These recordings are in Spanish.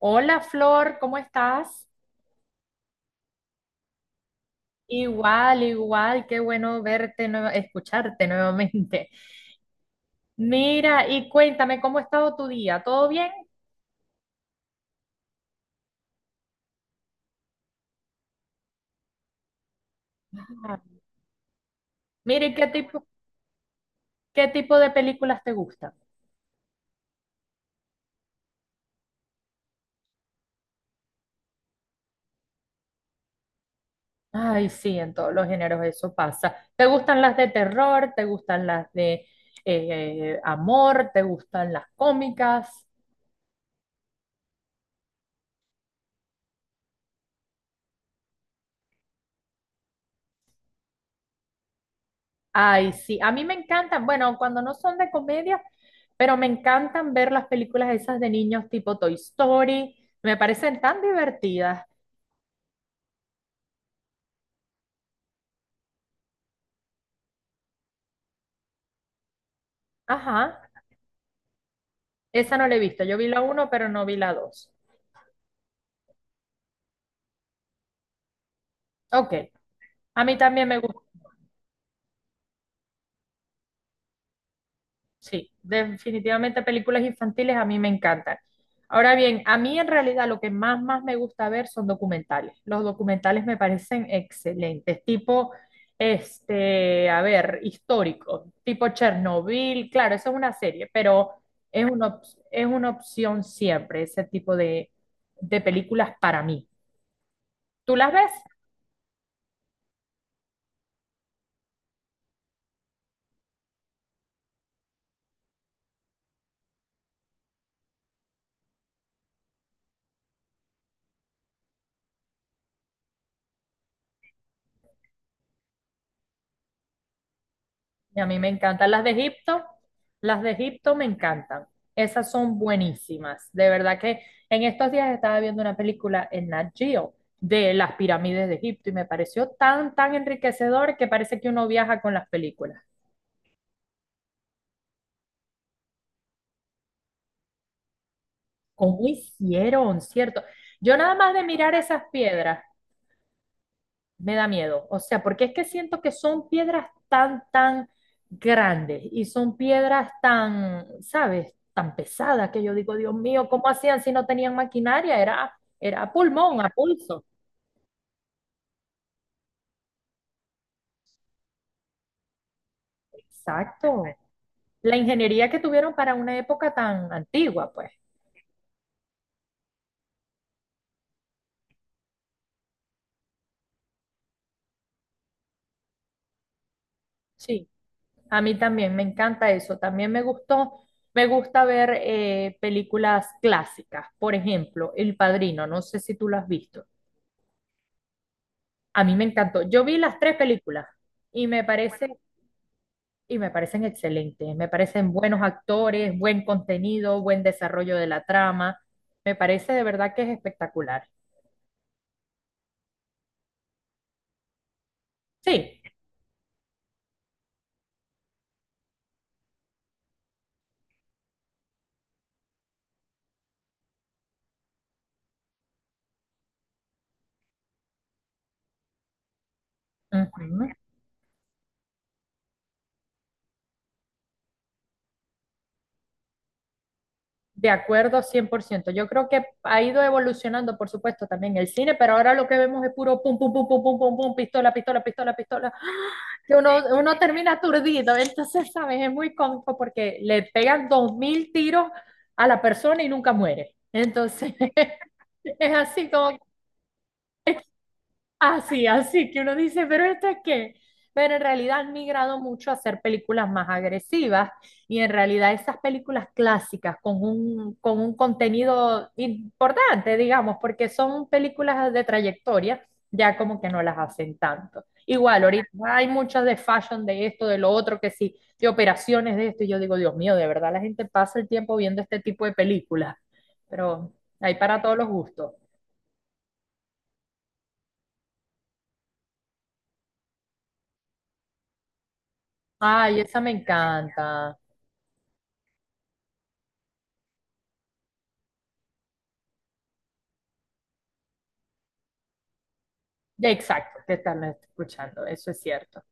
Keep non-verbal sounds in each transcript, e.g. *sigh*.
Hola Flor, ¿cómo estás? Igual, igual, qué bueno verte, escucharte nuevamente. Mira, y cuéntame, ¿cómo ha estado tu día? ¿Todo bien? Ah. Mira, ¿Y qué tipo de películas te gustan? Ay, sí, en todos los géneros eso pasa. ¿Te gustan las de terror? ¿Te gustan las de amor? ¿Te gustan las cómicas? Ay, sí, a mí me encantan, bueno, cuando no son de comedia, pero me encantan ver las películas esas de niños tipo Toy Story, me parecen tan divertidas. Ajá, esa no la he visto, yo vi la uno, pero no vi la dos. Ok, a mí también me gusta. Sí, definitivamente películas infantiles a mí me encantan. Ahora bien, a mí en realidad lo que más me gusta ver son documentales. Los documentales me parecen excelentes, tipo, a ver, históricos, tipo Chernobyl, claro, eso es una serie, pero es una, op- es una opción siempre ese tipo de películas para mí. ¿Tú las ves? Y a mí me encantan las de Egipto me encantan. Esas son buenísimas. De verdad que en estos días estaba viendo una película en Nat Geo de las pirámides de Egipto y me pareció tan, tan enriquecedor que parece que uno viaja con las películas. ¿Cómo hicieron, cierto? Yo nada más de mirar esas piedras me da miedo. O sea, porque es que siento que son piedras tan, tan grandes y son piedras tan, ¿sabes? Tan pesadas que yo digo, Dios mío, ¿cómo hacían si no tenían maquinaria? Era a pulmón, a pulso. Exacto. La ingeniería que tuvieron para una época tan antigua, pues. Sí, a mí también me encanta eso. También me gustó, me gusta ver películas clásicas. Por ejemplo, El Padrino, no sé si tú lo has visto. A mí me encantó. Yo vi las tres películas y me parece, y me parecen excelentes. Me parecen buenos actores, buen contenido, buen desarrollo de la trama. Me parece de verdad que es espectacular. Sí, ujú. De acuerdo, 100%. Yo creo que ha ido evolucionando, por supuesto, también el cine, pero ahora lo que vemos es puro pum, pum, pum, pum, pum, pum, pum, pistola, pistola, pistola, pistola. Que uno termina aturdido, entonces, ¿sabes? Es muy cómico porque le pegan 2.000 tiros a la persona y nunca muere. Entonces, *laughs* es así como... Así, así que uno dice, pero esto es qué. Pero en realidad han migrado mucho a hacer películas más agresivas y en realidad esas películas clásicas con un contenido importante, digamos, porque son películas de trayectoria, ya como que no las hacen tanto. Igual, ahorita hay muchas de fashion, de esto, de lo otro, que sí, de operaciones de esto, y yo digo, Dios mío, de verdad la gente pasa el tiempo viendo este tipo de películas, pero hay para todos los gustos. Ay, esa me encanta. Exacto, te están escuchando, eso es cierto.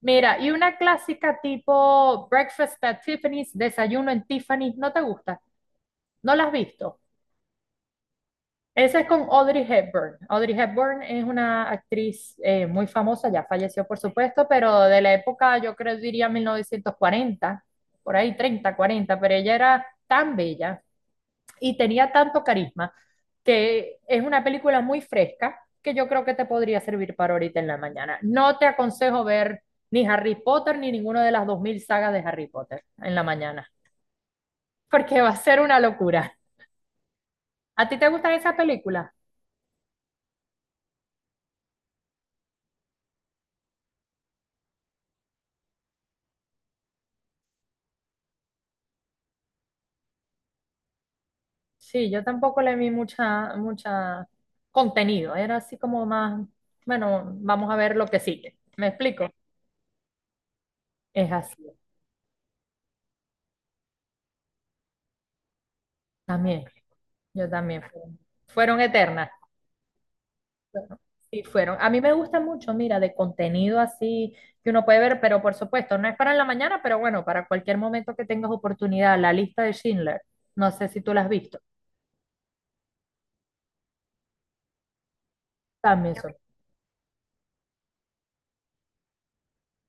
Mira, y una clásica tipo Breakfast at Tiffany's, Desayuno en Tiffany's, ¿no te gusta? ¿No la has visto? Esa es con Audrey Hepburn. Audrey Hepburn es una actriz muy famosa, ya falleció por supuesto, pero de la época, yo creo, diría 1940, por ahí treinta, cuarenta, pero ella era tan bella y tenía tanto carisma que es una película muy fresca que yo creo que te podría servir para ahorita en la mañana. No te aconsejo ver ni Harry Potter ni ninguna de las 2.000 sagas de Harry Potter en la mañana, porque va a ser una locura. ¿A ti te gustan esas películas? Sí, yo tampoco le vi mucha, mucha contenido, era así como más, bueno, vamos a ver lo que sigue. ¿Me explico? Es así, también, yo también. Fueron, fueron eternas. Bueno, sí fueron. A mí me gusta mucho, mira, de contenido así que uno puede ver, pero por supuesto, no es para la mañana, pero bueno, para cualquier momento que tengas oportunidad, la lista de Schindler, no sé si tú la has visto, también son.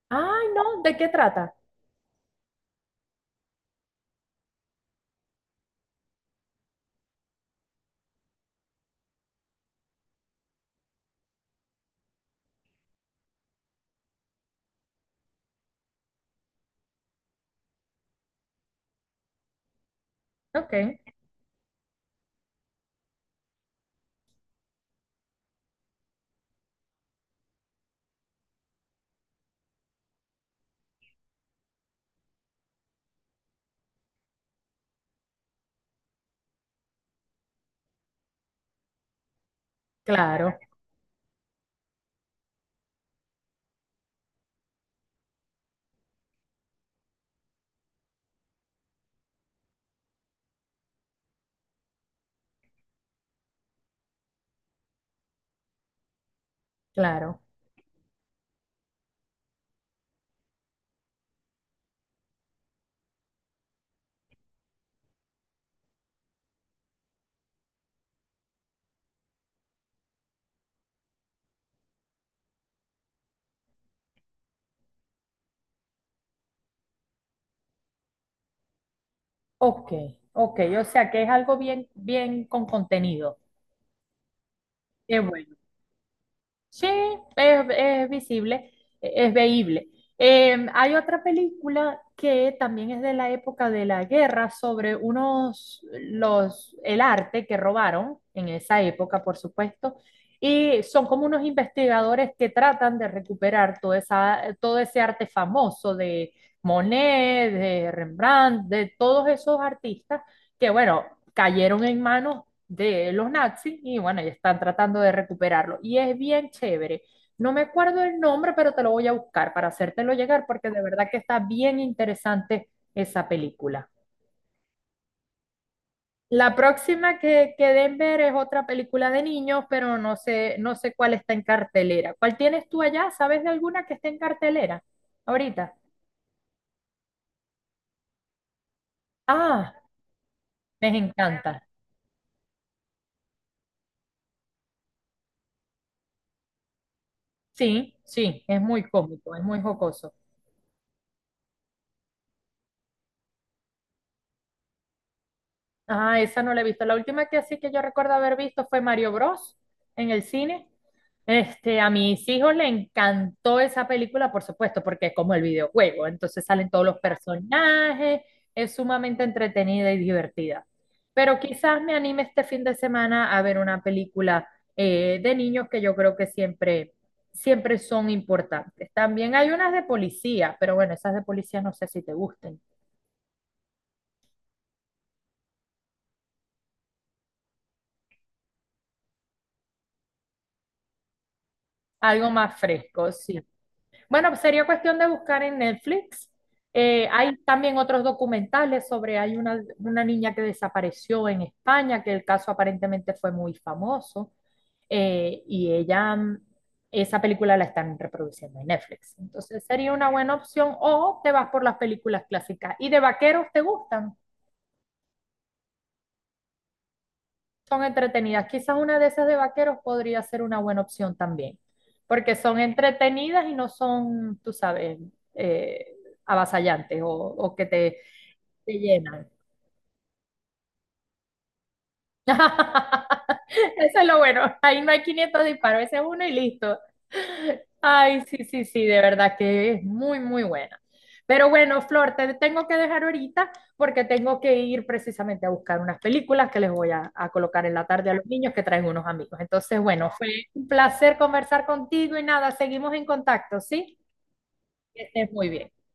Ay, no, ¿de qué trata? Ok, claro, claro. Ok, ok, o sea que es algo bien, bien con contenido. Qué bueno. Sí, es visible, es veíble. Hay otra película que también es de la época de la guerra sobre unos, los, el arte que robaron en esa época, por supuesto, y son como unos investigadores que tratan de recuperar toda esa, todo ese arte famoso de Monet, de Rembrandt, de todos esos artistas que bueno, cayeron en manos de los nazis y bueno, y están tratando de recuperarlo. Y es bien chévere. No me acuerdo el nombre, pero te lo voy a buscar para hacértelo llegar porque de verdad que está bien interesante esa película. La próxima que den ver es otra película de niños, pero no sé, no sé cuál está en cartelera. ¿Cuál tienes tú allá? ¿Sabes de alguna que esté en cartelera ahorita? Ah, me encanta. Sí, sí, es muy cómico, es muy jocoso. Ah, esa no la he visto. La última que así que yo recuerdo haber visto fue Mario Bros. En el cine. A mis hijos le encantó esa película, por supuesto, porque es como el videojuego. Entonces salen todos los personajes, es sumamente entretenida y divertida. Pero quizás me anime este fin de semana a ver una película de niños que yo creo que siempre, siempre son importantes. También hay unas de policía, pero bueno, esas de policía no sé si te gusten. Algo más fresco, sí. Bueno, sería cuestión de buscar en Netflix. Hay también otros documentales sobre, hay una niña que desapareció en España, que el caso aparentemente fue muy famoso, y ella, esa película la están reproduciendo en Netflix. Entonces sería una buena opción o te vas por las películas clásicas. ¿Y de vaqueros te gustan? Son entretenidas. Quizás una de esas de vaqueros podría ser una buena opción también, porque son entretenidas y no son, tú sabes, eh, avasallantes o que te llenan. *laughs* Eso es lo bueno. Ahí no hay 500 disparos, ese es uno y listo. Ay, sí, sí, sí, de verdad que es muy, muy buena. Pero bueno, Flor, te tengo que dejar ahorita porque tengo que ir precisamente a buscar unas películas que les voy a colocar en la tarde a los niños que traen unos amigos. Entonces, bueno, fue un placer conversar contigo y nada, seguimos en contacto, ¿sí? Que estés muy bien.